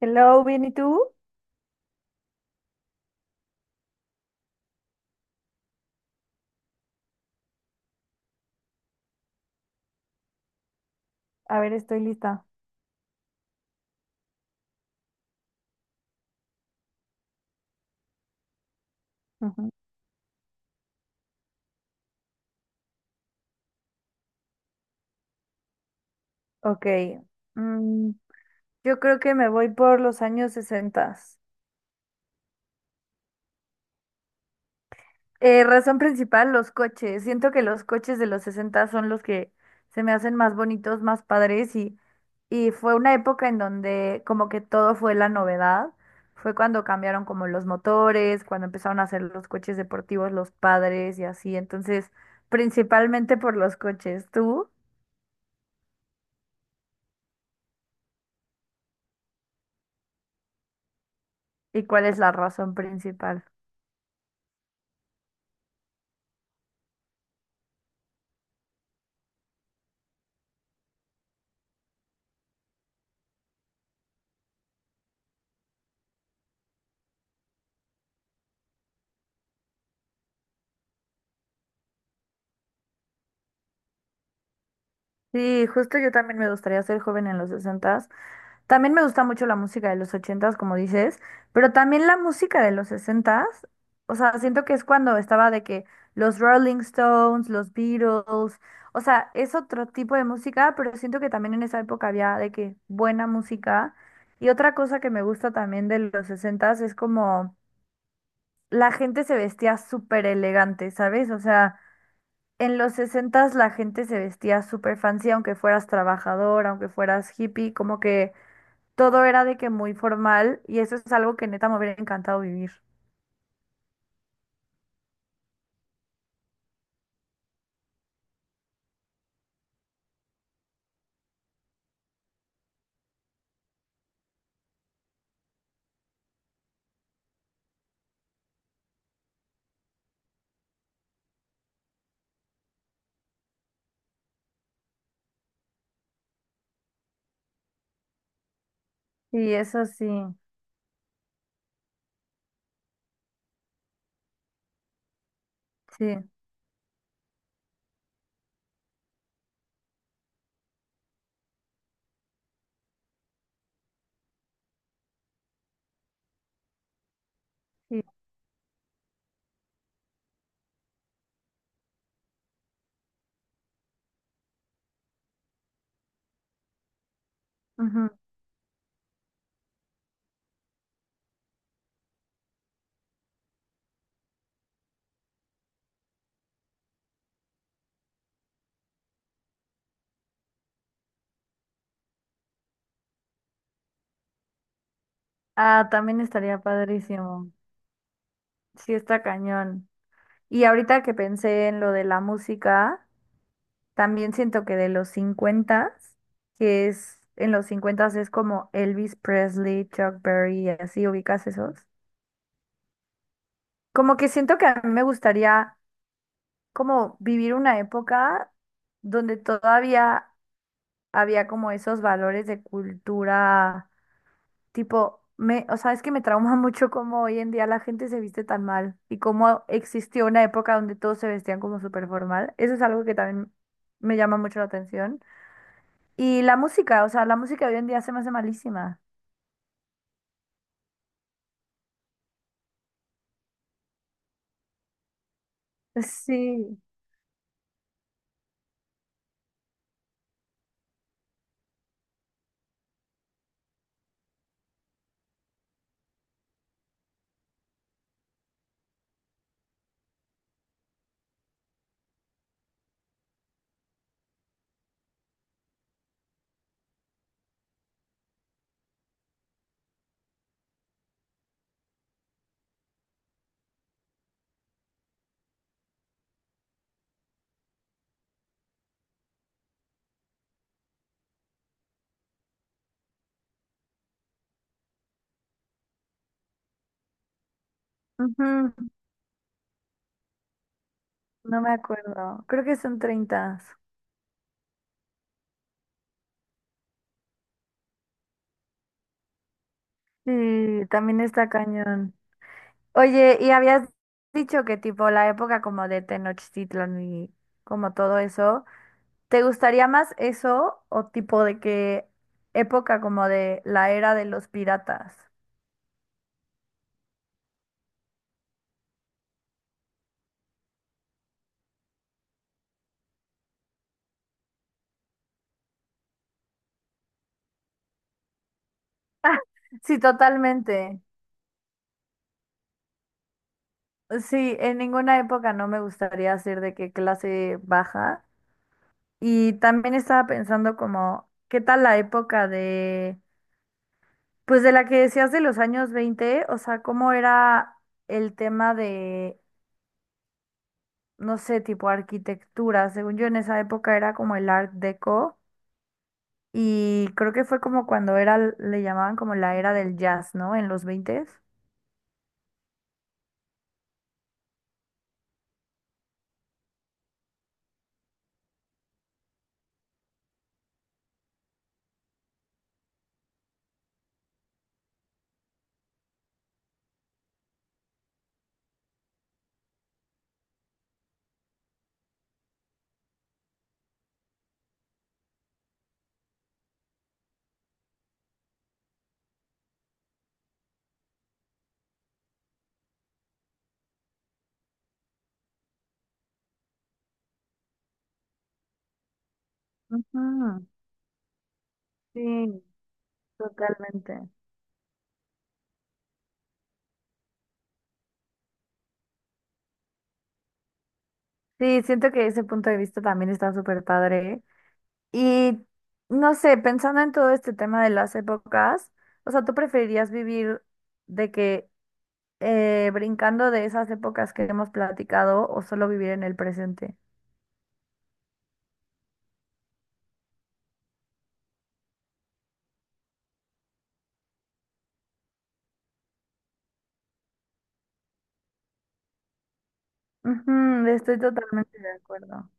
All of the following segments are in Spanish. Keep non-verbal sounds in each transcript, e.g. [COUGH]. Hello, ¿bien y tú? A ver, estoy lista. Ujú. Ok. mm, yo creo que me voy por los años 60. Razón principal, los coches. Siento que los coches de los 60 son los que se me hacen más bonitos, más padres y fue una época en donde como que todo fue la novedad. Fue cuando cambiaron como los motores, cuando empezaron a hacer los coches deportivos, los padres y así. Entonces, principalmente por los coches. ¿Tú? ¿Y cuál es la razón principal? Sí, justo yo también me gustaría ser joven en los sesentas. También me gusta mucho la música de los ochentas, como dices, pero también la música de los sesentas. O sea, siento que es cuando estaba de que los Rolling Stones, los Beatles, o sea, es otro tipo de música, pero siento que también en esa época había de que buena música. Y otra cosa que me gusta también de los sesentas es como la gente se vestía súper elegante, ¿sabes? O sea, en los sesentas la gente se vestía súper fancy, aunque fueras trabajador, aunque fueras hippie, como que todo era de que muy formal y eso es algo que neta me hubiera encantado vivir. Y eso sí, sí, sí. Ujú. Ah, también estaría padrísimo. Sí, está cañón. Y ahorita que pensé en lo de la música, también siento que de los cincuentas, que es en los cincuentas es como Elvis Presley, Chuck Berry y así, ¿ubicas esos? Como que siento que a mí me gustaría como vivir una época donde todavía había como esos valores de cultura, tipo, o sea, es que me trauma [LAUGHS] mucho cómo hoy en día la gente se viste tan mal y cómo existió una época donde todos se vestían como súper formal. Eso es algo que también me llama mucho la atención. Y la música, o sea, la música hoy en día se me hace malísima. Sí. Ujú. No me acuerdo. Creo que son treinta. Sí, también está cañón. Oye, y habías dicho que tipo la época como de Tenochtitlan y como todo eso, ¿te gustaría más eso o tipo de qué época como de la era de los piratas? [LAUGHS] Sí, totalmente. Sí, en ninguna época no me gustaría ser de qué clase baja. Y también estaba pensando como, ¿qué tal la época de, pues de la que decías de los años 20? O sea, ¿cómo era el tema de no sé, tipo arquitectura? Según yo, en esa época era como el Art Deco y creo que fue como cuando era, le llamaban como la era del jazz, ¿no? En los 20. Ujú. Sí, totalmente. Sí, siento que ese punto de vista también está súper padre. Y no sé, pensando en todo este tema de las épocas, o sea, ¿tú preferirías vivir de que brincando de esas épocas que hemos platicado o solo vivir en el presente? Ujú, estoy totalmente de acuerdo.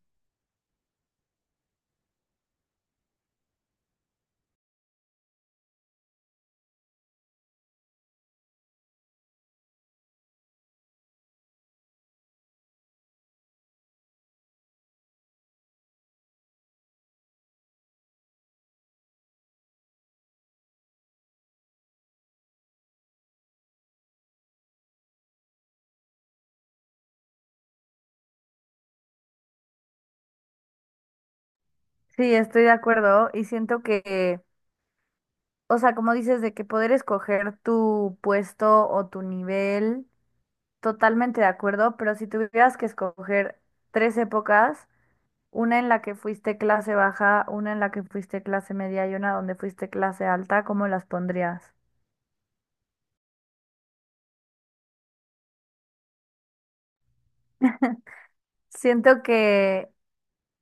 Sí, estoy de acuerdo y siento que, o sea, como dices, de que poder escoger tu puesto o tu nivel, totalmente de acuerdo, pero si tuvieras que escoger tres épocas, una en la que fuiste clase baja, una en la que fuiste clase media y una donde fuiste clase alta, ¿cómo las pondrías? Siento que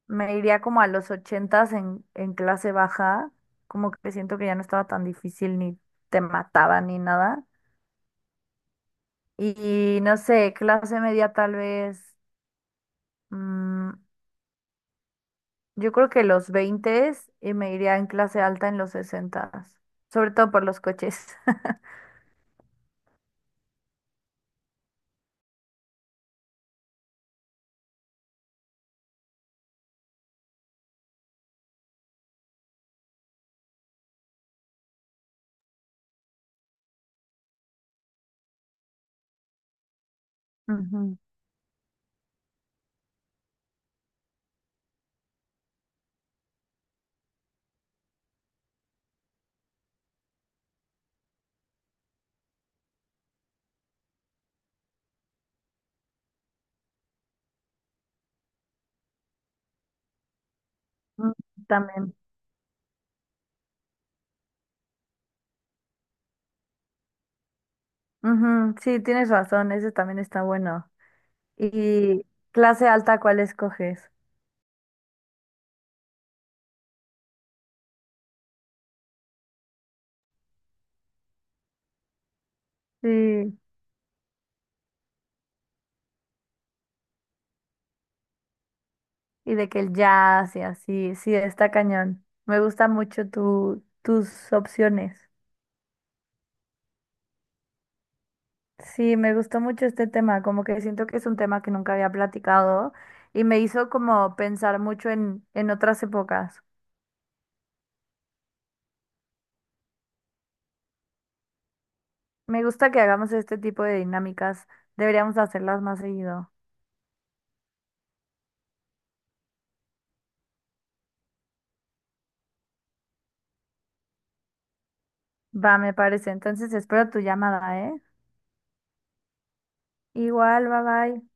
me iría como a los ochentas en clase baja, como que siento que ya no estaba tan difícil ni te mataban ni nada. Y no sé, clase media tal vez, mm, yo creo que los veinte, y me iría en clase alta en los 60, sobre todo por los coches. [LAUGHS] Ujú. mm, También. Ujú, sí, tienes razón, ese también está bueno. ¿Y clase alta cuál escoges? Sí, y de que el jazz y así, sí, está cañón. Me gusta mucho tus opciones. Sí, me gustó mucho este tema, como que siento que es un tema que nunca había platicado y me hizo como pensar mucho en otras épocas. Me gusta que hagamos este tipo de dinámicas, deberíamos hacerlas más seguido. Va, me parece. Entonces espero tu llamada, ¿eh? Igual, bye bye.